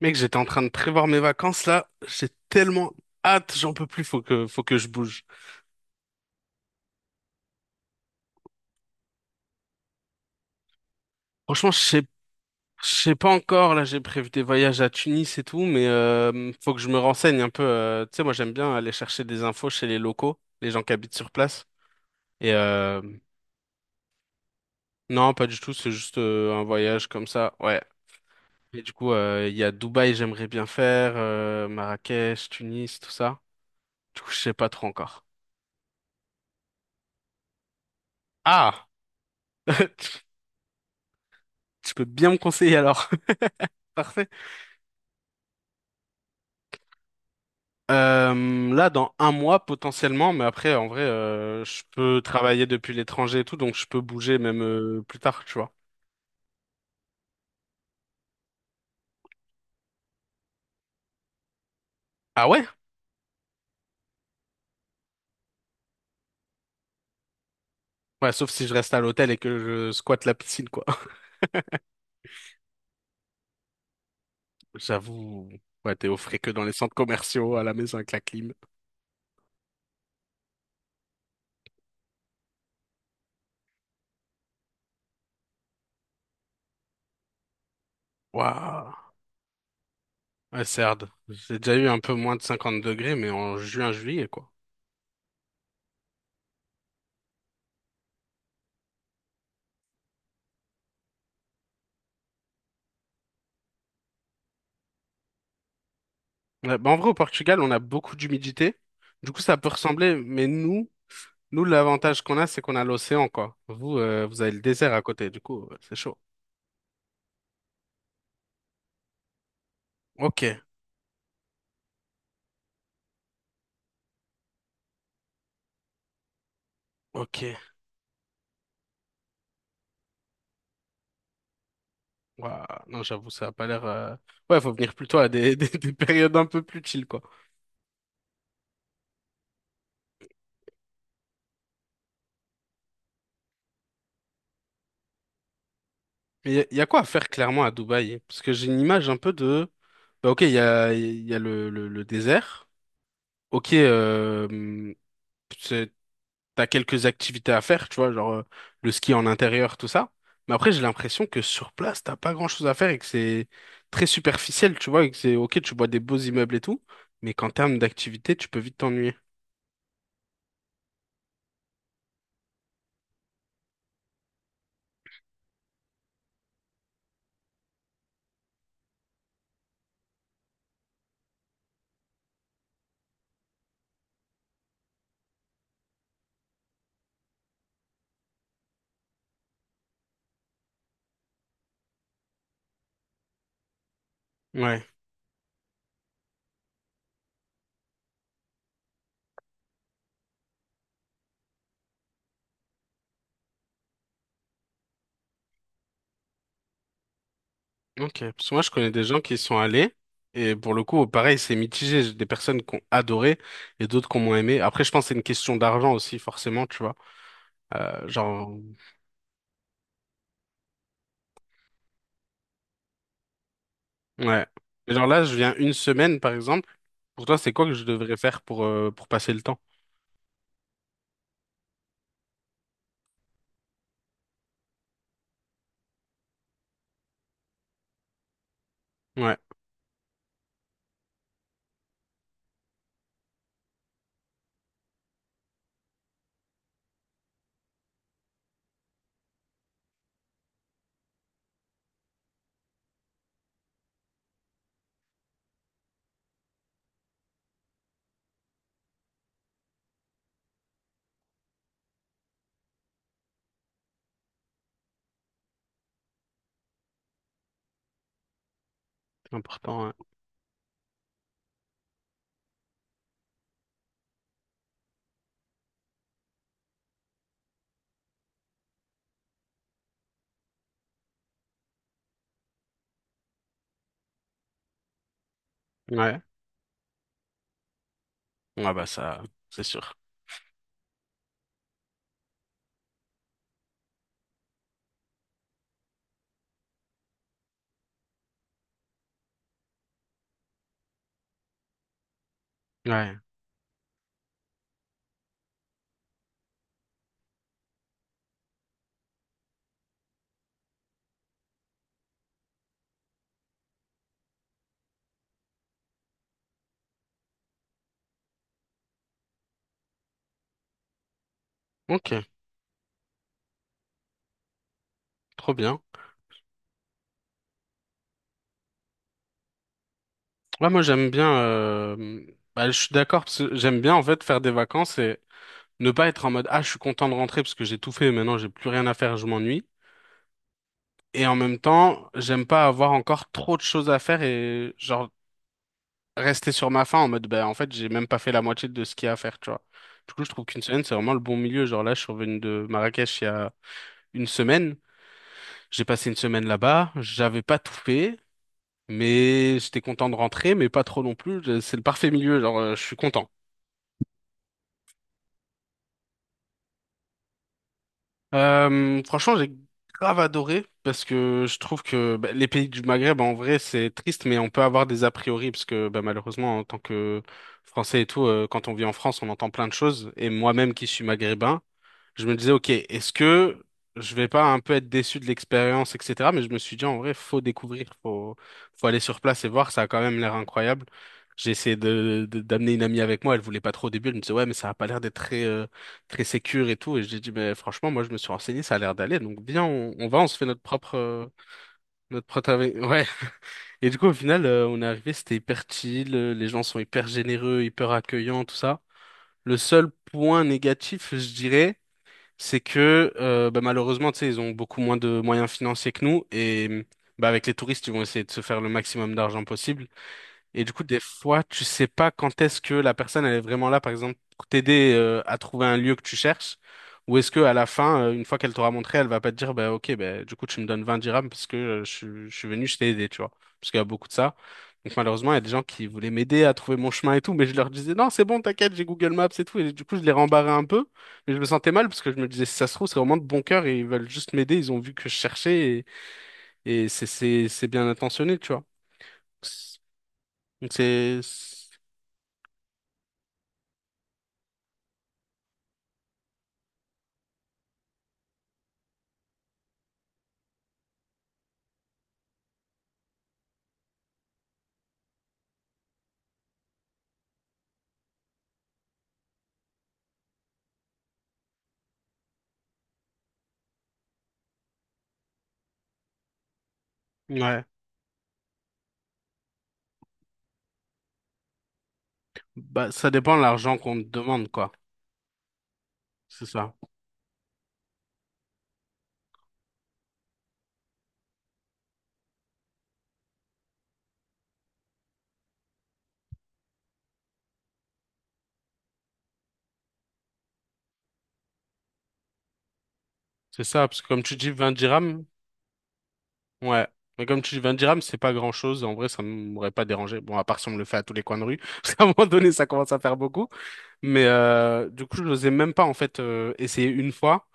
Mec, j'étais en train de prévoir mes vacances là. J'ai tellement hâte, j'en peux plus. Faut que je bouge. Franchement, je sais pas encore. Là, j'ai prévu des voyages à Tunis et tout, mais faut que je me renseigne un peu. Tu sais, moi, j'aime bien aller chercher des infos chez les locaux, les gens qui habitent sur place. Et euh, non, pas du tout. C'est juste un voyage comme ça. Ouais. Et du coup, il y a Dubaï, j'aimerais bien faire, Marrakech, Tunis, tout ça. Du coup, je sais pas trop encore. Ah, tu tu peux bien me conseiller alors. Parfait. Là, dans un mois potentiellement, mais après, en vrai, je peux travailler depuis l'étranger et tout, donc je peux bouger même plus tard, tu vois. Ah ouais? Ouais, sauf si je reste à l'hôtel et que je squatte la piscine, quoi. J'avoue, ouais, t'es au frais que dans les centres commerciaux, à la maison avec la clim. Waouh. Ouais, c'est hard. J'ai déjà eu un peu moins de 50 degrés, mais en juin, juillet, quoi. Ouais, bah en vrai, au Portugal, on a beaucoup d'humidité. Du coup, ça peut ressembler, mais nous, nous, l'avantage qu'on a, c'est qu'on a l'océan, quoi. Vous, vous avez le désert à côté, du coup, c'est chaud. Ok, ok. Ouah, non, j'avoue, ça a pas l'air. Ouais, faut venir plutôt à des périodes un peu plus chill, quoi. Mais il y a quoi à faire clairement à Dubaï? Parce que j'ai une image un peu de. Bah, ok, il y a le désert. Ok, t'as quelques activités à faire, tu vois, genre le ski en intérieur, tout ça. Mais après, j'ai l'impression que sur place, t'as pas grand-chose à faire et que c'est très superficiel, tu vois, et que c'est ok, tu vois des beaux immeubles et tout, mais qu'en termes d'activité, tu peux vite t'ennuyer. Ouais, ok. Parce que moi, je connais des gens qui y sont allés et pour le coup, pareil, c'est mitigé. J'ai des personnes qui ont adoré et d'autres qui ont moins aimé. Après, je pense que c'est une question d'argent aussi, forcément, tu vois. Genre, ouais. Et genre là, je viens une semaine, par exemple. Pour toi, c'est quoi que je devrais faire pour passer le temps? Ouais. Important, ouais. Ouais. Ouais, bah ça, c'est sûr. Ouais. Ok, trop bien. Ouais, moi j'aime bien bah, je suis d'accord parce que j'aime bien en fait faire des vacances et ne pas être en mode ah je suis content de rentrer parce que j'ai tout fait, maintenant j'ai plus rien à faire, je m'ennuie. Et en même temps, j'aime pas avoir encore trop de choses à faire et genre rester sur ma faim en mode bah en fait j'ai même pas fait la moitié de ce qu'il y a à faire, tu vois. Du coup, je trouve qu'une semaine, c'est vraiment le bon milieu. Genre là, je suis revenu de Marrakech il y a une semaine. J'ai passé une semaine là-bas. J'avais pas tout fait, mais j'étais content de rentrer, mais pas trop non plus. C'est le parfait milieu, genre je suis content. Franchement, j'ai grave adoré parce que je trouve que bah, les pays du Maghreb, en vrai, c'est triste, mais on peut avoir des a priori parce que bah, malheureusement, en tant que Français et tout, quand on vit en France, on entend plein de choses. Et moi-même qui suis maghrébin, je me disais, ok, est-ce que je vais pas un peu être déçu de l'expérience, etc. Mais je me suis dit, en vrai, faut découvrir, faut aller sur place et voir, ça a quand même l'air incroyable. J'ai essayé de, d'amener une amie avec moi, elle voulait pas trop au début, elle me disait, ouais, mais ça a pas l'air d'être très, très sécure et tout. Et j'ai dit, mais franchement, moi, je me suis renseigné, ça a l'air d'aller, donc viens, on va, on se fait notre propre avis. ouais. Et du coup, au final, on est arrivé, c'était hyper chill, les gens sont hyper généreux, hyper accueillants, tout ça. Le seul point négatif, je dirais, c'est que bah, malheureusement, tu sais, ils ont beaucoup moins de moyens financiers que nous et bah, avec les touristes, ils vont essayer de se faire le maximum d'argent possible. Et du coup, des fois, tu sais pas quand est-ce que la personne elle est vraiment là, par exemple, pour t'aider à trouver un lieu que tu cherches, ou est-ce que à la fin, une fois qu'elle t'aura montré, elle va pas te dire, bah ok, bah, du coup, tu me donnes 20 dirhams parce que je suis venu, je t'ai aidé, tu vois, parce qu'il y a beaucoup de ça. Donc malheureusement, il y a des gens qui voulaient m'aider à trouver mon chemin et tout, mais je leur disais, non, c'est bon, t'inquiète, j'ai Google Maps et tout, et du coup, je les rembarrais un peu, mais je me sentais mal parce que je me disais, si ça se trouve, c'est vraiment de bon cœur et ils veulent juste m'aider, ils ont vu que je cherchais et c'est bien intentionné, tu vois. Donc c'est ouais, bah, ça dépend de l'argent qu'on te demande, quoi. C'est ça. C'est ça, parce que comme tu dis 20 dirhams, ouais. Mais comme tu dis 20 dirhams, c'est pas grand-chose. En vrai, ça m'aurait pas dérangé. Bon, à part si on me le fait à tous les coins de rue, parce qu'à un moment donné, ça commence à faire beaucoup. Du coup, je n'osais même pas, en fait, essayer une fois,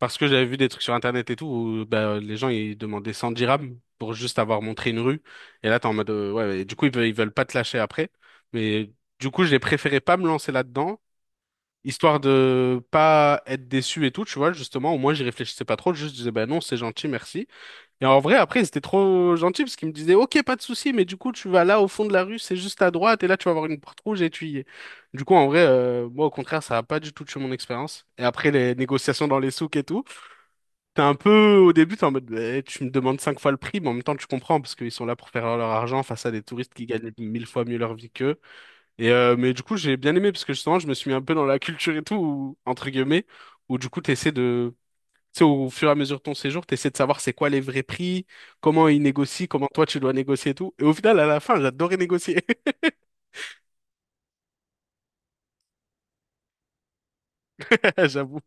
parce que j'avais vu des trucs sur Internet et tout, où bah, les gens, ils demandaient 100 dirhams pour juste avoir montré une rue. Et là, t'es en mode, ouais, et du coup, ils veulent pas te lâcher après. Mais du coup, j'ai préféré pas me lancer là-dedans. Histoire de pas être déçu et tout, tu vois, justement, au moins j'y réfléchissais pas trop, juste je disais, bah non, c'est gentil, merci. Et en vrai, après, c'était trop gentil parce qu'ils me disaient, ok, pas de souci, mais du coup, tu vas là au fond de la rue, c'est juste à droite, et là, tu vas avoir une porte rouge et tu y es. Du coup, en vrai, moi, au contraire, ça a pas du tout tué mon expérience. Et après, les négociations dans les souks et tout, t'es un peu, au début, t'es en mode, bah, tu me demandes cinq fois le prix, mais en même temps, tu comprends parce qu'ils sont là pour faire leur argent face à des touristes qui gagnent 1 000 fois mieux leur vie qu'eux. Mais du coup, j'ai bien aimé parce que justement, je me suis mis un peu dans la culture et tout, entre guillemets, où du coup, t'essaies de, tu sais, au fur et à mesure de ton séjour, t'essaies de savoir c'est quoi les vrais prix, comment ils négocient, comment toi tu dois négocier et tout. Et au final, à la fin, j'adorais négocier, j'avoue.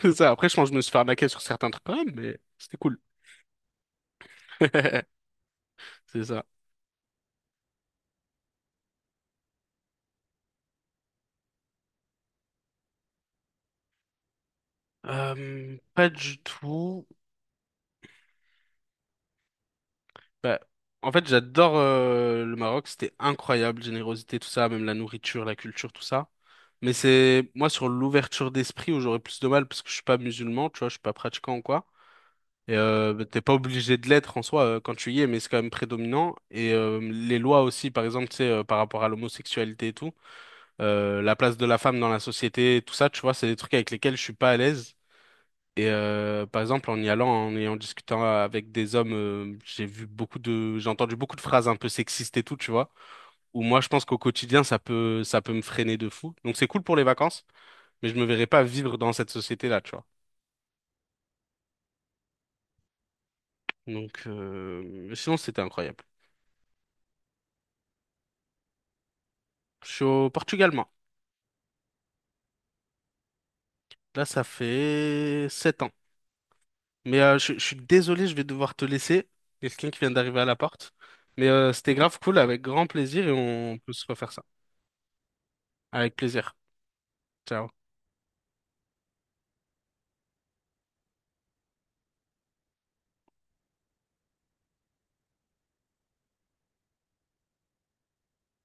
C'est ça. Après, je pense que je me suis fait arnaquer sur certains trucs quand même, mais c'était cool. C'est ça. Pas du tout. Bah, en fait, j'adore le Maroc, c'était incroyable, générosité, tout ça, même la nourriture, la culture, tout ça. Mais c'est moi sur l'ouverture d'esprit où j'aurais plus de mal parce que je suis pas musulman, tu vois, je suis pas pratiquant ou quoi. Bah, t'es pas obligé de l'être en soi quand tu y es, mais c'est quand même prédominant. Les lois aussi, par exemple, tu sais, par rapport à l'homosexualité et tout, la place de la femme dans la société, tout ça, tu vois, c'est des trucs avec lesquels je suis pas à l'aise. Par exemple, en y allant et en discutant avec des hommes, j'ai entendu beaucoup de phrases un peu sexistes et tout, tu vois. Où moi, je pense qu'au quotidien, ça peut me freiner de fou. Donc c'est cool pour les vacances, mais je me verrais pas vivre dans cette société-là, tu vois. Donc euh, mais sinon, c'était incroyable. Je suis au Portugal, moi. Là, ça fait 7 ans. Je suis désolé, je vais devoir te laisser. Il y a quelqu'un qui vient d'arriver à la porte. C'était grave cool, avec grand plaisir, et on peut se refaire ça. Avec plaisir. Ciao.